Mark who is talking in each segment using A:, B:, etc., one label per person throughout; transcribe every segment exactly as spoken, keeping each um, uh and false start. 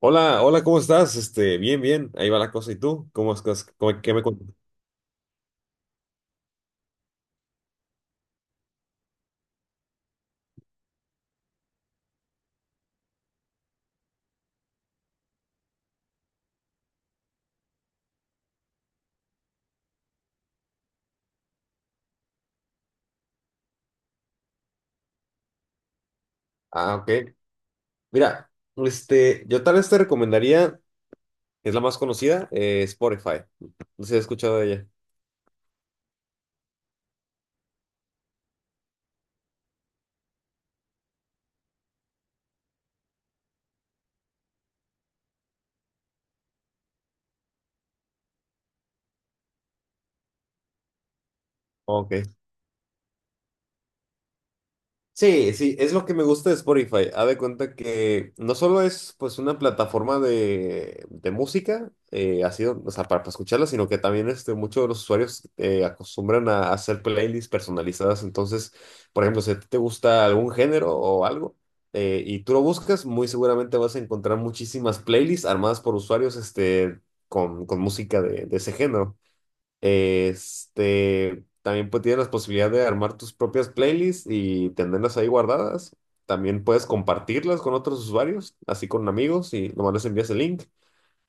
A: Hola, hola, ¿cómo estás? Este, bien, bien, ahí va la cosa. ¿Y tú? ¿Cómo estás? ¿Cómo- qué me cuentas? Ah, ok. Mira, este, yo tal vez te recomendaría, es la más conocida, eh, Spotify. No sé si has escuchado de ella. Ok. Sí, sí, es lo que me gusta de Spotify. Haz de cuenta que no solo es pues una plataforma de, de música, eh, ha sido, o sea, para, para escucharla, sino que también este, muchos de los usuarios eh, acostumbran a hacer playlists personalizadas. Entonces, por ejemplo, si a ti te gusta algún género o algo eh, y tú lo buscas, muy seguramente vas a encontrar muchísimas playlists armadas por usuarios este, con, con música de, de ese género. Este, también pues, tienes la posibilidad de armar tus propias playlists y tenerlas ahí guardadas. También puedes compartirlas con otros usuarios, así con amigos, y nomás les envías el link.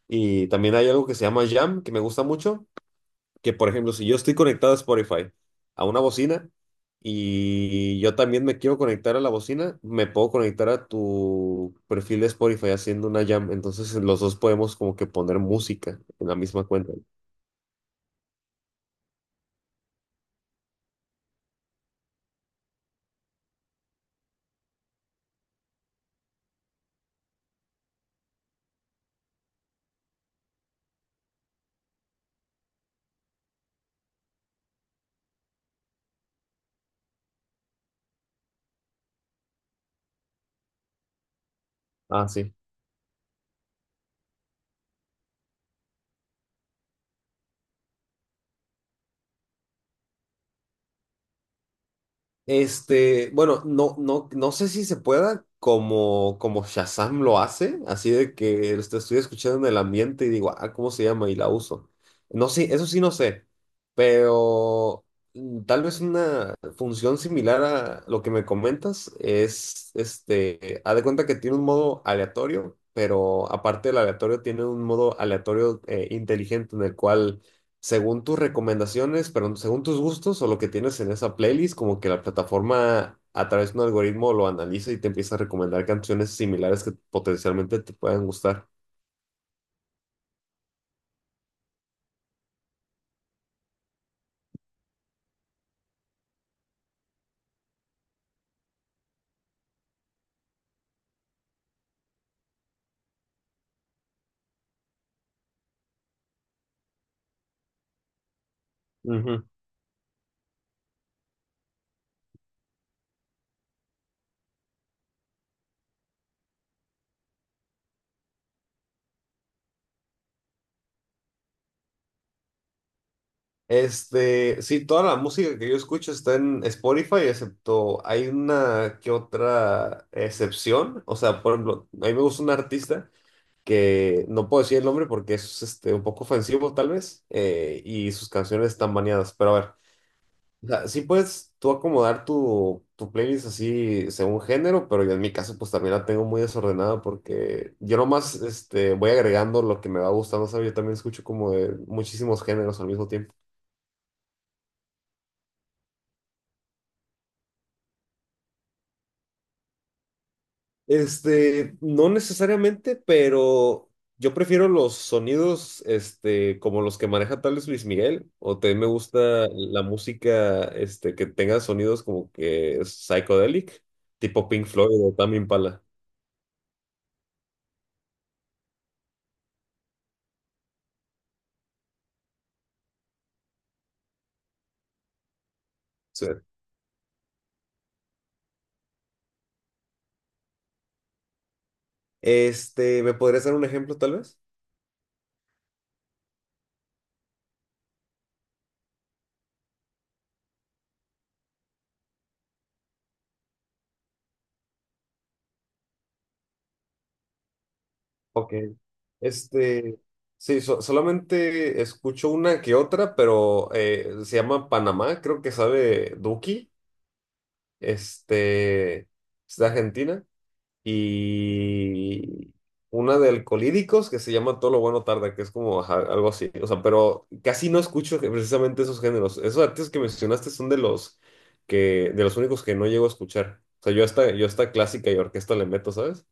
A: Y también hay algo que se llama Jam, que me gusta mucho, que por ejemplo, si yo estoy conectado a Spotify, a una bocina, y yo también me quiero conectar a la bocina, me puedo conectar a tu perfil de Spotify haciendo una Jam. Entonces los dos podemos como que poner música en la misma cuenta. Ah, sí. Este, bueno, no, no, no sé si se pueda como, como Shazam lo hace, así de que esto estoy escuchando en el ambiente y digo, ah, ¿cómo se llama? Y la uso. No sé, eso sí no sé, pero mm, tal vez una función similar a lo que me comentas es, este, haz de cuenta que tiene un modo aleatorio, pero aparte del aleatorio tiene un modo aleatorio eh, inteligente en el cual según tus recomendaciones, perdón, según tus gustos o lo que tienes en esa playlist, como que la plataforma a través de un algoritmo lo analiza y te empieza a recomendar canciones similares que potencialmente te puedan gustar. Ujú. Este, sí, toda la música que yo escucho está en Spotify, excepto hay una que otra excepción. O sea, por ejemplo, a mí me gusta un artista que no puedo decir el nombre porque es este, un poco ofensivo tal vez, eh, y sus canciones están baneadas. Pero a ver, o sea, sí puedes tú acomodar tu, tu playlist así según género, pero yo en mi caso pues también la tengo muy desordenada porque yo nomás este, voy agregando lo que me va gustando, ¿sabes? Yo también escucho como de muchísimos géneros al mismo tiempo. Este, no necesariamente, pero yo prefiero los sonidos este, como los que maneja tal vez Luis Miguel, o también me gusta la música este, que tenga sonidos como que psychedelic, tipo Pink Floyd o Tame Impala. Este, ¿me podrías dar un ejemplo tal vez? Ok. Este, sí, so- solamente escucho una que otra, pero eh, se llama Panamá, creo que sabe Duki, este, es de Argentina, y una de Alcolíricos que se llama Todo lo bueno tarda, que es como ajá, algo así, o sea, pero casi no escucho que- precisamente esos géneros. Esos artistas que mencionaste son de los que, de los únicos que no llego a escuchar. O sea, yo hasta, yo hasta clásica y orquesta le meto, ¿sabes?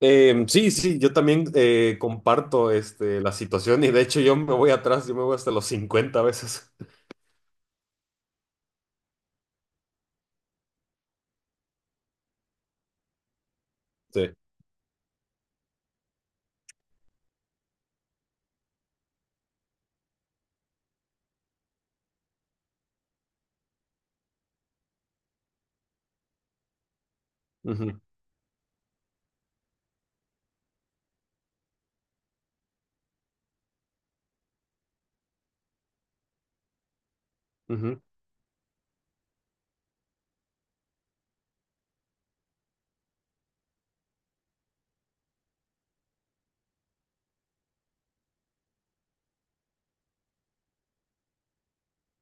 A: Eh, sí, sí, yo también eh, comparto este, la situación y de hecho yo me voy atrás, yo me voy hasta los cincuenta veces. Sí. Ujú, ujú.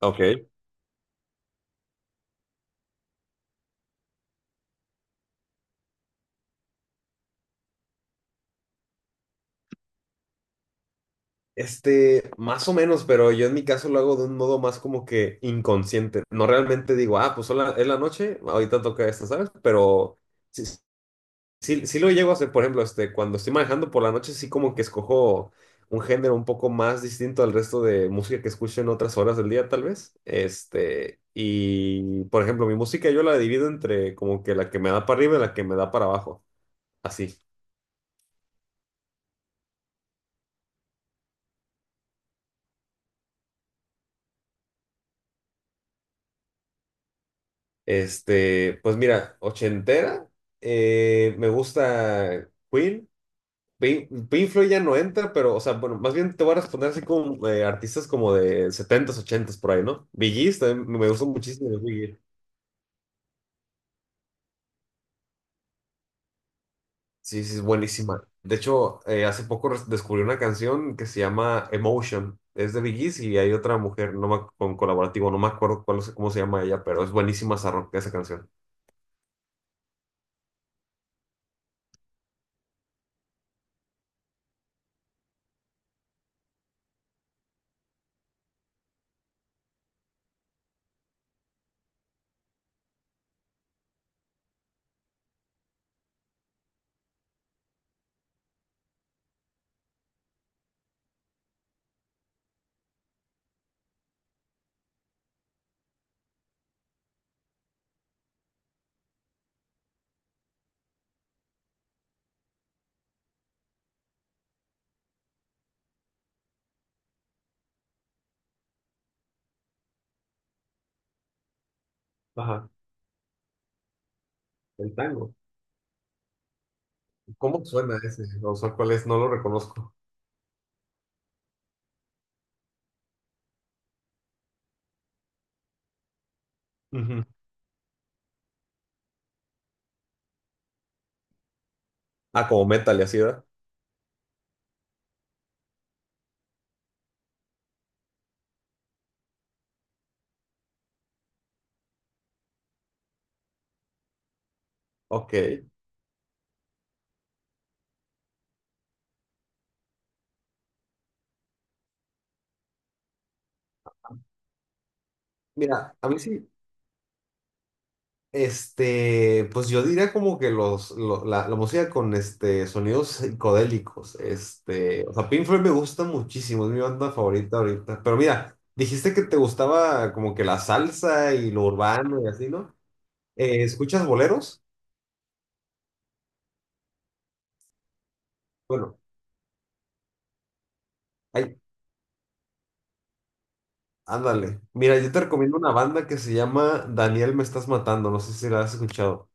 A: Ok. Este, más o menos, pero yo en mi caso lo hago de un modo más como que inconsciente. No realmente digo, ah, pues sola- es la noche, ahorita toca esto, ¿sabes? Pero sí, sí, sí lo llego a hacer, por ejemplo, este, cuando estoy manejando por la noche, sí como que escojo un género un poco más distinto al resto de música que escucho en otras horas del día, tal vez. Este, y por ejemplo, mi música yo la divido entre como que la que me da para arriba y la que me da para abajo. Así. Este, pues mira, ochentera, eh, me gusta Queen. Pink, Pink Floyd ya no entra, pero, o sea, bueno, más bien te voy a responder así como eh, artistas como de setentas ochentas por ahí, ¿no? Bee Gees, también me gusta muchísimo de Bee Gees. Sí, sí, es buenísima. De hecho, eh, hace poco res- descubrí una canción que se llama Emotion. Es de Bee Gees y hay otra mujer no me con colaborativo, no me acuerdo cuál, es- cómo se llama ella, pero es buenísima esa, ro- esa canción. Ajá, el tango. ¿Cómo suena ese? O sea, ¿cuál es? No lo reconozco. Ujú. Ah, como metal y así, ¿verdad? Ok. Mira, a mí sí. Este, pues yo diría como que los, lo- la, la música con este, sonidos psicodélicos, este, o sea, Pink Floyd me gusta muchísimo, es mi banda favorita ahorita, pero mira, dijiste que te gustaba como que la salsa y lo urbano y así, ¿no? Eh, ¿escuchas boleros? Bueno, ay, ándale, mira, yo te recomiendo una banda que se llama Daniel Me Estás Matando, no sé si la has escuchado.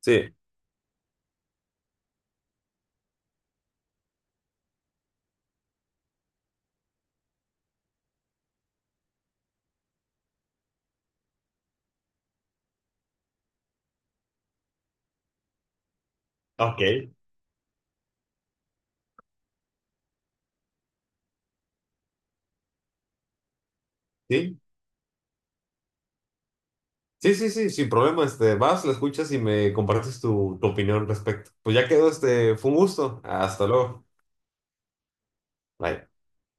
A: Sí. Ok. ¿Sí? Sí, sí, sí, sin problema, este, vas, la escuchas y me compartes tu, tu opinión al respecto. Pues ya quedó, este, fue un gusto. Hasta luego. Bye.